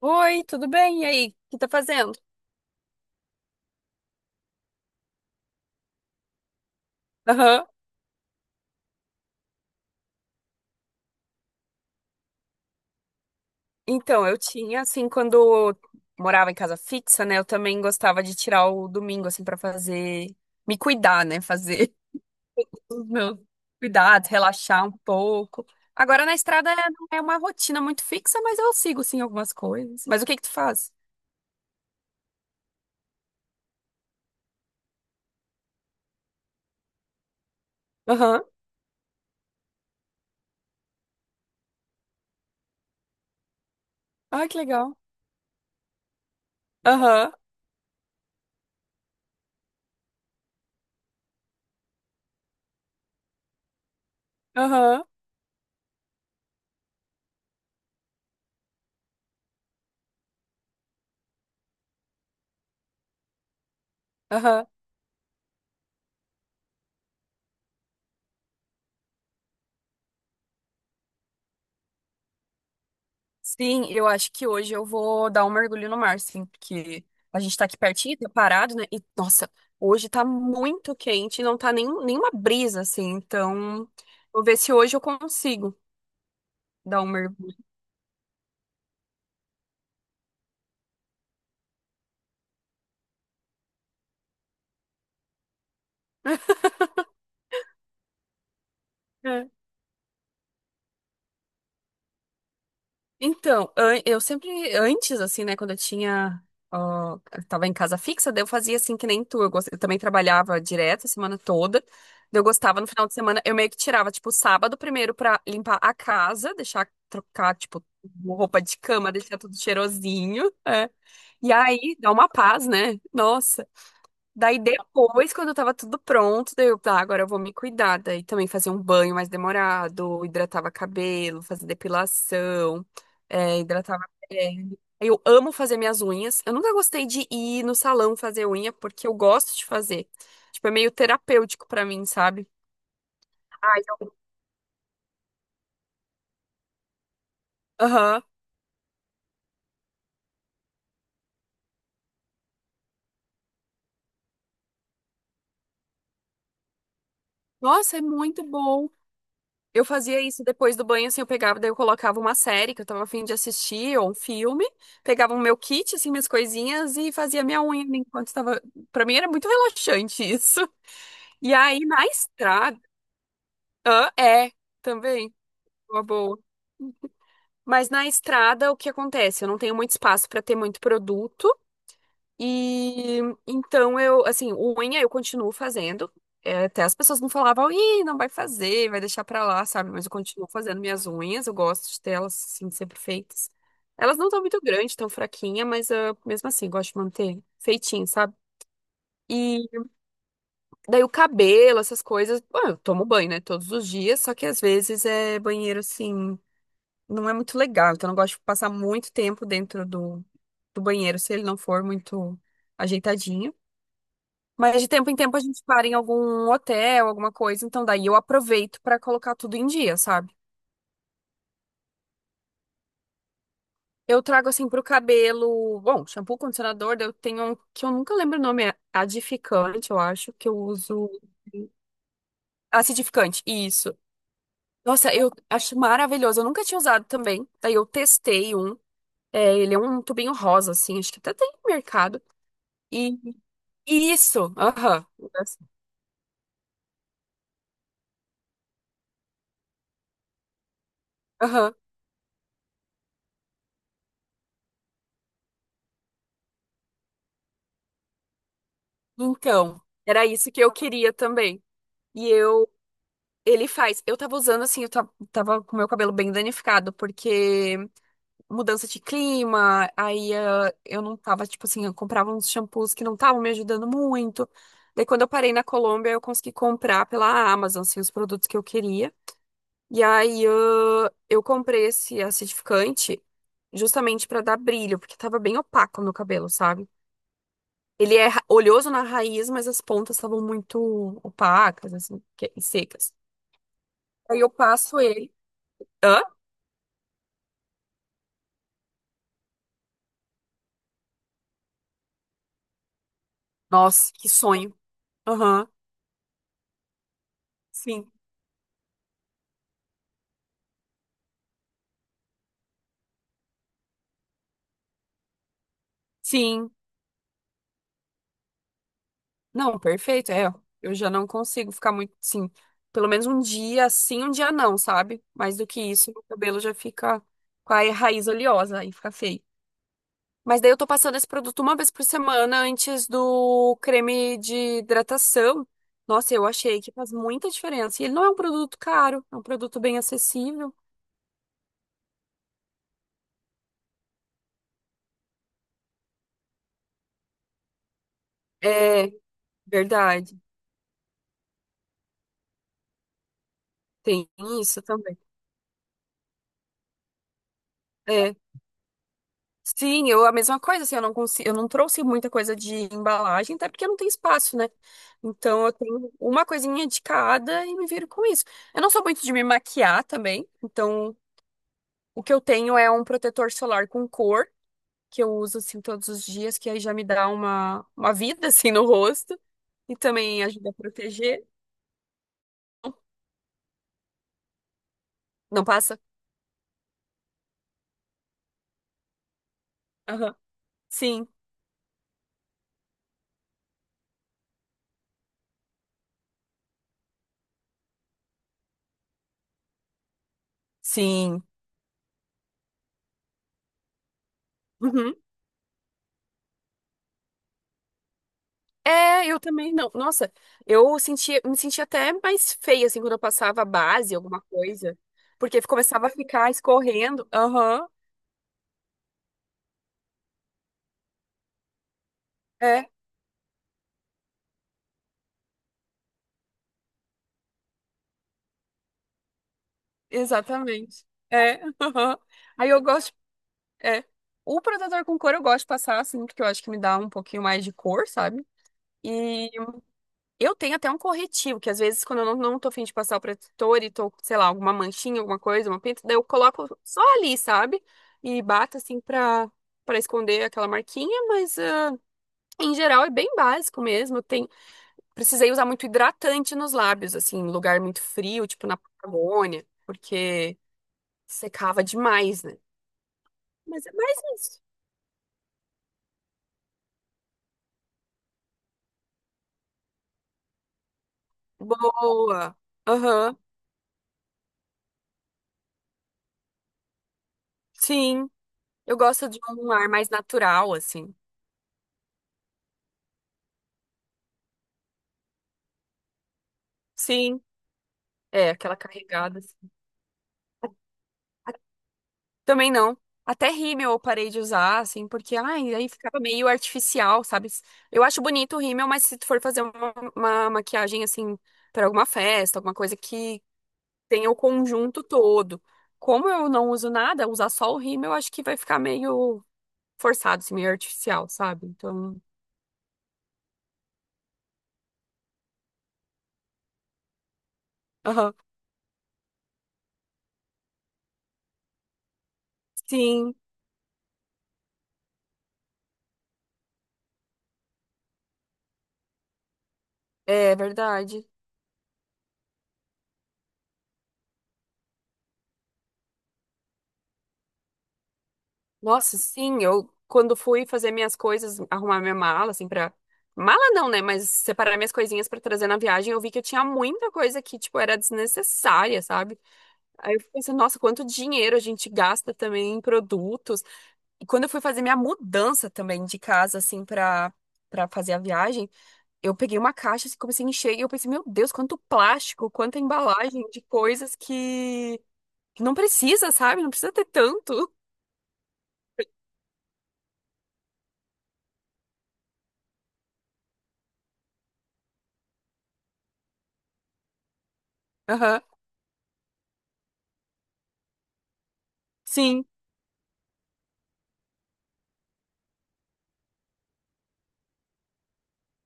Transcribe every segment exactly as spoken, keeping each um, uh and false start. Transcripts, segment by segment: Oi, tudo bem? E aí, o que tá fazendo? Aham. Então, eu tinha, assim, quando eu morava em casa fixa, né? Eu também gostava de tirar o domingo, assim, pra fazer, me cuidar, né? Fazer os meus cuidados, relaxar um pouco. Agora na estrada não é uma rotina muito fixa, mas eu sigo, sim, algumas coisas. Mas o que que tu faz? Aham. Ah, que legal. Aham, aham, aham. Sim, eu acho que hoje eu vou dar um mergulho no mar, sim, porque a gente tá aqui pertinho, tá parado, né? E, nossa, hoje tá muito quente, não tá nem, nenhuma brisa, assim, então vou ver se hoje eu consigo dar um mergulho. Então, an- eu sempre, antes, assim, né, quando eu tinha, ó, eu tava em casa fixa, daí eu fazia assim que nem tu, eu, gos- eu também trabalhava direto a semana toda, daí eu gostava no final de semana, eu meio que tirava, tipo, sábado primeiro pra limpar a casa, deixar, trocar, tipo, roupa de cama, deixar tudo cheirosinho, é. E aí, dá uma paz, né? Nossa. Daí depois, quando tava tudo pronto, daí eu, tá, agora eu vou me cuidar. Daí também fazer um banho mais demorado, hidratava cabelo, fazia depilação, é, hidratava pele. Eu amo fazer minhas unhas. Eu nunca gostei de ir no salão fazer unha, porque eu gosto de fazer. Tipo, é meio terapêutico pra mim, sabe? Ai, eu- Aham. Nossa, é muito bom. Eu fazia isso depois do banho, assim, eu pegava, daí eu colocava uma série que eu tava a fim de assistir, ou um filme, pegava o meu kit, assim, minhas coisinhas e fazia minha unha enquanto tava. Pra mim era muito relaxante isso. E aí na estrada. Hã? É, também, uma boa. Mas na estrada, o que acontece? Eu não tenho muito espaço pra ter muito produto. E então eu, assim, unha eu continuo fazendo. É, até as pessoas não falavam, ih, não vai fazer, vai deixar pra lá, sabe? Mas eu continuo fazendo minhas unhas, eu gosto de ter elas, assim, sempre feitas. Elas não estão muito grandes, tão fraquinhas, mas ah, mesmo assim, gosto de manter feitinho, sabe? E daí o cabelo, essas coisas, bom, eu tomo banho, né, todos os dias, só que às vezes é banheiro, assim, não é muito legal, então eu não gosto de passar muito tempo dentro do, do banheiro se ele não for muito ajeitadinho. Mas de tempo em tempo a gente para em algum hotel, alguma coisa, então daí eu aproveito pra colocar tudo em dia, sabe? Eu trago assim pro cabelo, bom, shampoo, condicionador, daí eu tenho um que eu nunca lembro o nome, é adificante, eu acho, que eu uso acidificante, isso. Nossa, eu acho maravilhoso, eu nunca tinha usado também. Daí eu testei um, é, ele é um tubinho rosa assim, acho que até tem no mercado. E isso, aham. Aham. Então, era isso que eu queria também. E eu Ele faz. Eu tava usando assim, eu ta- tava com meu cabelo bem danificado, porque mudança de clima, aí eh, eu não tava, tipo assim, eu comprava uns shampoos que não estavam me ajudando muito. Daí quando eu parei na Colômbia, eu consegui comprar pela Amazon, assim, os produtos que eu queria. E aí eh, eu comprei esse acidificante justamente pra dar brilho, porque tava bem opaco no cabelo, sabe? Ele é ra- oleoso na raiz, mas as pontas estavam muito opacas, assim, que- e secas. Aí eu passo ele. Hã? Nossa, que sonho. Aham, sim. Sim. Não, perfeito, é. Eu já não consigo ficar muito, sim. Pelo menos um dia sim, um dia não, sabe? Mais do que isso, meu cabelo já fica com a raiz oleosa e fica feio. Mas daí eu tô passando esse produto uma vez por semana antes do creme de hidratação. Nossa, eu achei que faz muita diferença. E ele não é um produto caro, é um produto bem acessível. É, verdade. Tem isso também. É. Sim, eu a mesma coisa, assim, eu não consigo, eu não trouxe muita coisa de embalagem, até porque não tem espaço, né? Então eu tenho uma coisinha de cada e me viro com isso. Eu não sou muito de me maquiar também, então o que eu tenho é um protetor solar com cor, que eu uso assim todos os dias, que aí já me dá uma, uma vida assim no rosto e também ajuda a proteger. Não passa? Aham. Sim, sim. É, eu também não. Nossa, eu sentia, me sentia até mais feia, assim, quando eu passava a base, alguma coisa. Porque começava a ficar escorrendo. Aham, é, exatamente. É, aham. Aí eu gosto, é. O protetor com cor eu gosto de passar, assim, porque eu acho que me dá um pouquinho mais de cor, sabe? E eu tenho até um corretivo, que às vezes, quando eu não, não tô a fim de passar o protetor e tô, sei lá, alguma manchinha, alguma coisa, uma pinta, daí eu coloco só ali, sabe? E bato assim pra, pra esconder aquela marquinha, mas ah, em geral é bem básico mesmo. Tem, precisei usar muito hidratante nos lábios, assim, em lugar muito frio, tipo na Patagônia, porque secava demais, né? Mas é mais isso. Boa. Aham. Sim. Eu gosto de um ar mais natural, assim. Sim. É, aquela carregada. Assim. Também não. Até rímel eu parei de usar, assim, porque ai, aí ficava meio artificial, sabe? Eu acho bonito o rímel, mas se tu for fazer uma, uma maquiagem, assim, para alguma festa, alguma coisa que tenha o conjunto todo. Como eu não uso nada, usar só o rímel, eu acho que vai ficar meio forçado, assim, meio artificial, sabe? Então, aham. Sim, é verdade. Nossa, sim, eu quando fui fazer minhas coisas, arrumar minha mala, assim, pra. Mala não, né? Mas separar minhas coisinhas pra trazer na viagem, eu vi que eu tinha muita coisa que, tipo, era desnecessária, sabe? Aí eu pensei, nossa, quanto dinheiro a gente gasta também em produtos. E quando eu fui fazer minha mudança também de casa, assim, pra, pra fazer a viagem, eu peguei uma caixa e comecei a encher e eu pensei, meu Deus, quanto plástico, quanta embalagem de coisas que que não precisa, sabe? Não precisa ter tanto. Aham. Sim.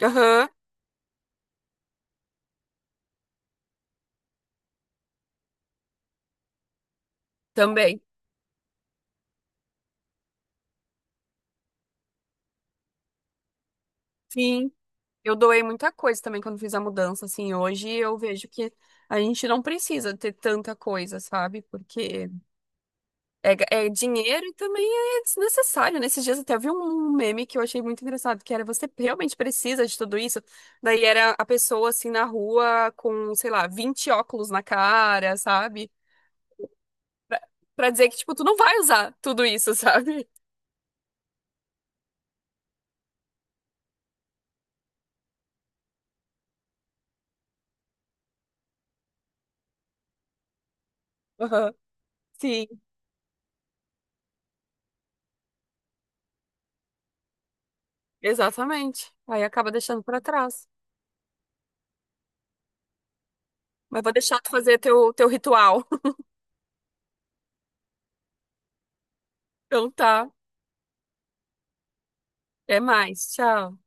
Aham. Também. Sim, eu doei muita coisa também quando fiz a mudança, assim, hoje eu vejo que a gente não precisa ter tanta coisa, sabe? Porque é, ga- é dinheiro e também é desnecessário. Nesses dias até vi um meme que eu achei muito engraçado, que era você realmente precisa de tudo isso? Daí era a pessoa, assim, na rua com, sei lá, vinte óculos na cara, sabe? Pra, pra dizer que, tipo, tu não vai usar tudo isso, sabe? Aham. Sim, exatamente. Aí acaba deixando pra trás. Mas vou deixar tu fazer teu, teu ritual. Então tá. Até mais. Tchau.